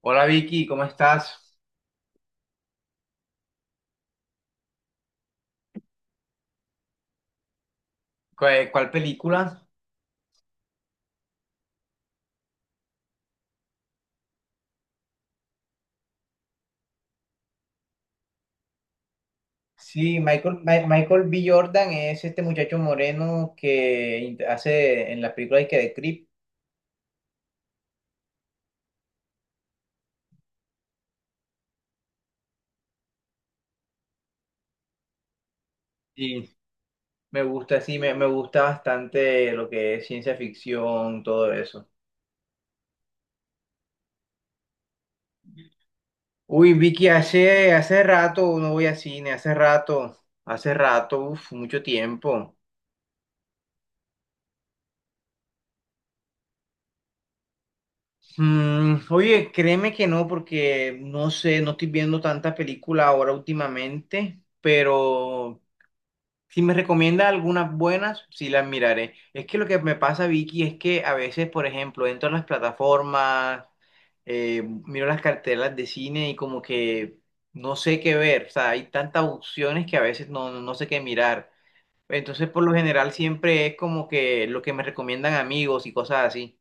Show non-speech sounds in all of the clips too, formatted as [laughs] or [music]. Hola Vicky, ¿cómo estás? ¿Cuál película? Sí, Michael, Michael B. Jordan es este muchacho moreno que hace en las películas que de Creep. Sí. Me gusta, sí, me gusta bastante lo que es ciencia ficción, todo eso. Uy, Vicky, hace rato no voy a cine, hace rato, uf, mucho tiempo. Mm, oye, créeme que no, porque no sé, no estoy viendo tanta película ahora últimamente, pero si me recomienda algunas buenas, sí las miraré. Es que lo que me pasa, Vicky, es que a veces, por ejemplo, entro a las plataformas, miro las cartelas de cine y como que no sé qué ver. O sea, hay tantas opciones que a veces no, no sé qué mirar. Entonces, por lo general, siempre es como que lo que me recomiendan amigos y cosas así.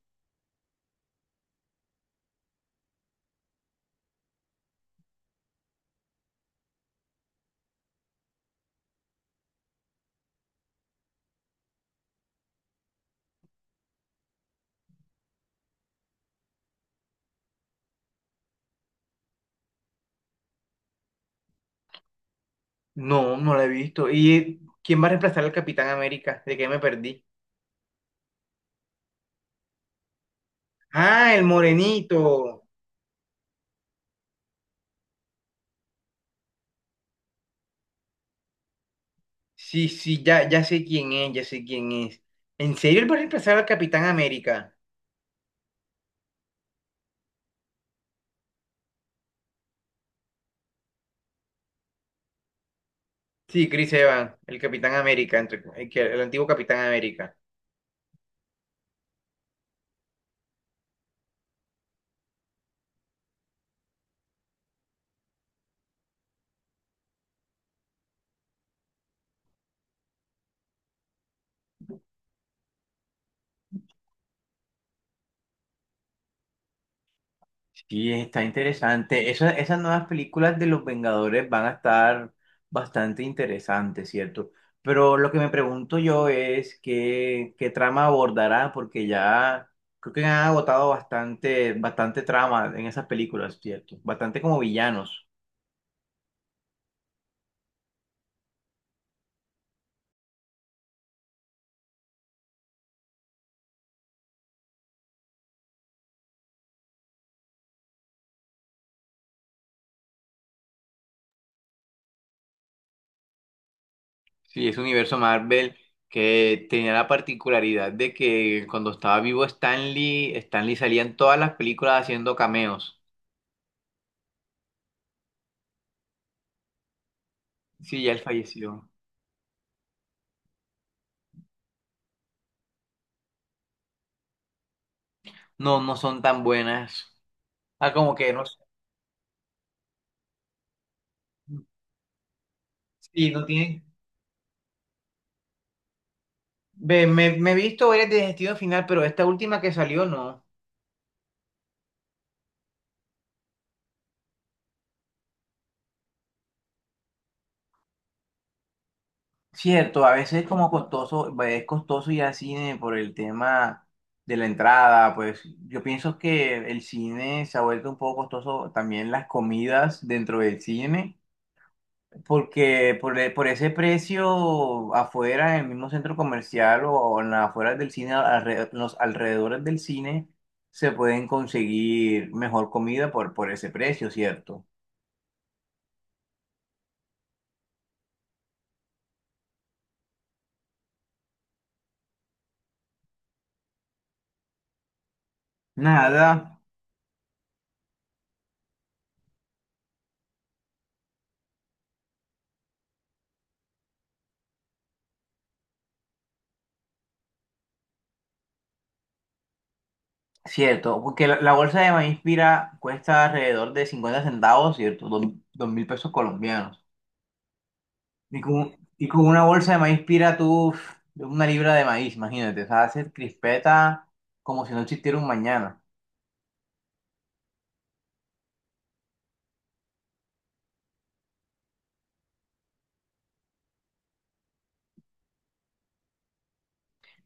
No, no la he visto. ¿Y quién va a reemplazar al Capitán América? ¿De qué me perdí? Ah, el morenito. Sí, sí, ya, ya sé quién es, ya sé quién es. ¿En serio él va a reemplazar al Capitán América? Sí, Chris Evans, el Capitán América, el antiguo Capitán América. Sí, está interesante. Esas nuevas películas de los Vengadores van a estar bastante interesantes, ¿cierto? Pero lo que me pregunto yo es qué trama abordará, porque ya creo que han agotado bastante, bastante trama en esas películas, ¿cierto? Bastante como villanos. Sí, ese universo Marvel que tenía la particularidad de que cuando estaba vivo Stan Lee, Stan Lee salía en todas las películas haciendo cameos. Sí, ya él falleció. No, no son tan buenas. Ah, como que no sé. Sí, no tienen. Ve, me he visto varias de Destino Final, pero esta última que salió no. Cierto, a veces es como costoso, es costoso ir al cine por el tema de la entrada, pues yo pienso que el cine se ha vuelto un poco costoso, también las comidas dentro del cine. Porque por ese precio afuera, en el mismo centro comercial o en las afueras del cine, los alrededores del cine, se pueden conseguir mejor comida por ese precio, ¿cierto? Nada. Cierto, porque la bolsa de maíz pira cuesta alrededor de 50 centavos, ¿cierto? 2.000 pesos colombianos. Y y con una bolsa de maíz pira tú, uf, una libra de maíz, imagínate, o sea, hacer crispeta como si no existiera un mañana.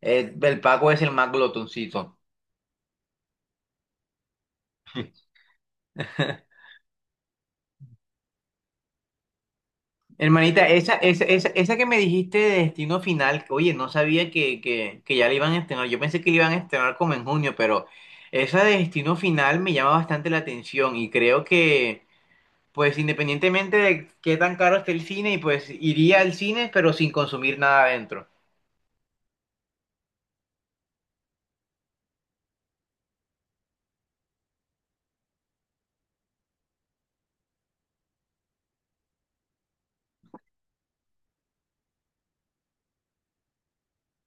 El Paco es el más glotoncito. [laughs] Hermanita, esa que me dijiste de Destino Final, que, oye, no sabía que ya la iban a estrenar. Yo pensé que la iban a estrenar como en junio, pero esa de Destino Final me llama bastante la atención y creo que, pues, independientemente de qué tan caro esté el cine, y pues iría al cine, pero sin consumir nada adentro.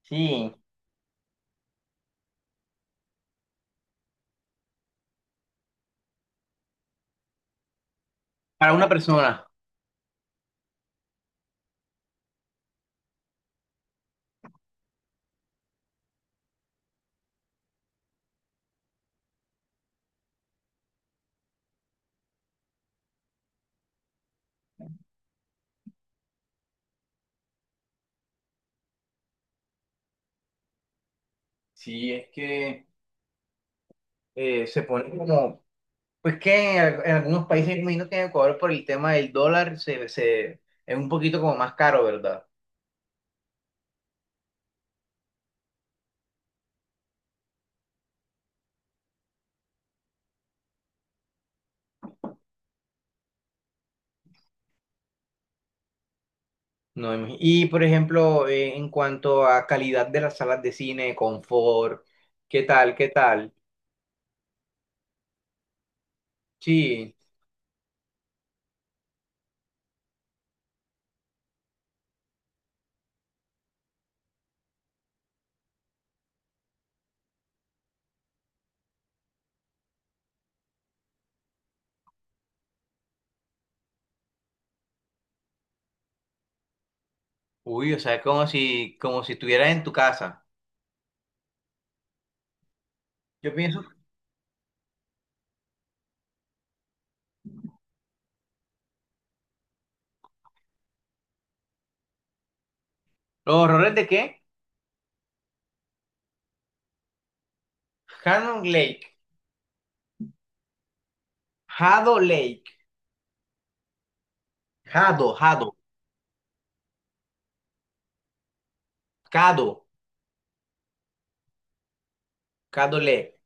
Sí. Para una persona. Sí, es que se pone como. Pues que en algunos países, me imagino que en Ecuador por el tema del dólar es un poquito como más caro, ¿verdad? No, y por ejemplo, en cuanto a calidad de las salas de cine, confort, ¿qué tal? ¿Qué tal? Sí. Uy, o sea, es como si estuvieras en tu casa. Yo pienso. ¿Los horrores de qué? Hanon Lake. Hado Lake. Hado, Hado. Cado. Cado Lake.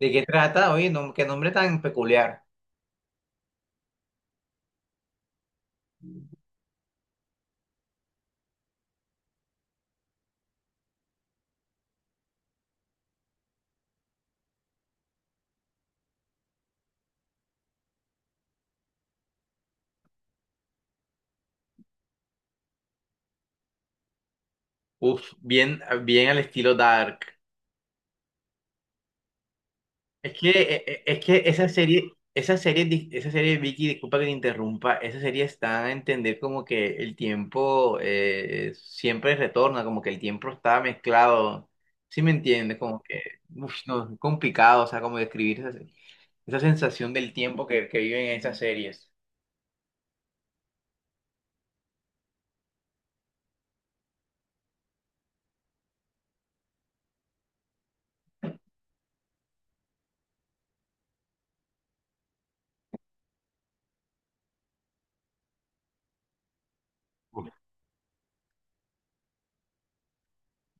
¿De qué trata? Oye, no, qué nombre tan peculiar. Uf, bien, bien al estilo Dark. Es que esa serie, Vicky, disculpa que te interrumpa, esa serie está a entender como que el tiempo siempre retorna, como que el tiempo está mezclado, ¿sí me entiendes? Como que, uf, no, es complicado, o sea, como describir esa, esa sensación del tiempo que viven en esas series.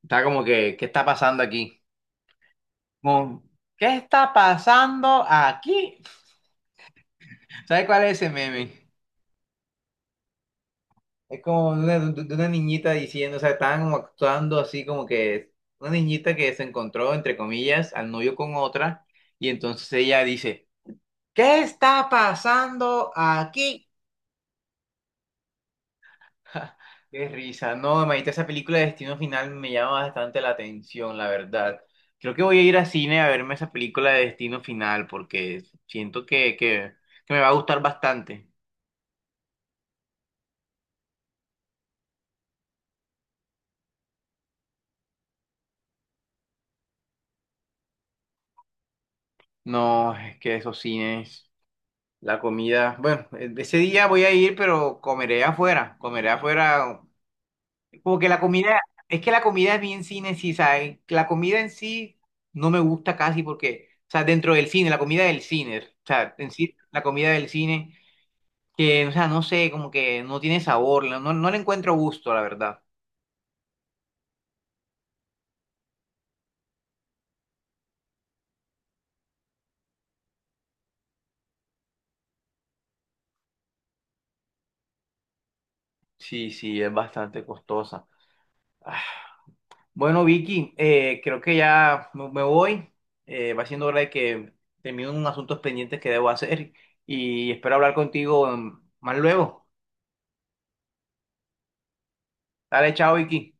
Está como que, ¿qué está pasando aquí? Como, ¿qué está pasando aquí? [laughs] ¿Sabes cuál es ese meme? Es como de de una niñita diciendo, o sea, estaban como actuando así como que una niñita que se encontró, entre comillas, al novio con otra, y entonces ella dice, ¿qué está pasando aquí? [laughs] Ja, qué risa, no, imagínate, esa película de Destino Final me llama bastante la atención, la verdad. Creo que voy a ir a cine a verme esa película de Destino Final porque siento que me va a gustar bastante. No, es que esos cines... La comida, bueno, ese día voy a ir, pero comeré afuera, como que la comida, es que la comida es bien cine en sí, ¿sabes? La comida en sí no me gusta casi porque, o sea, dentro del cine, la comida del cine, o sea, en sí, la comida del cine, que, o sea, no sé, como que no tiene sabor, no, no le encuentro gusto, la verdad. Sí, sí, es bastante costosa. Bueno, Vicky, creo que ya me voy. Va siendo hora de que termino unos asuntos pendientes que debo hacer y espero hablar contigo más luego. Dale, chao, Vicky.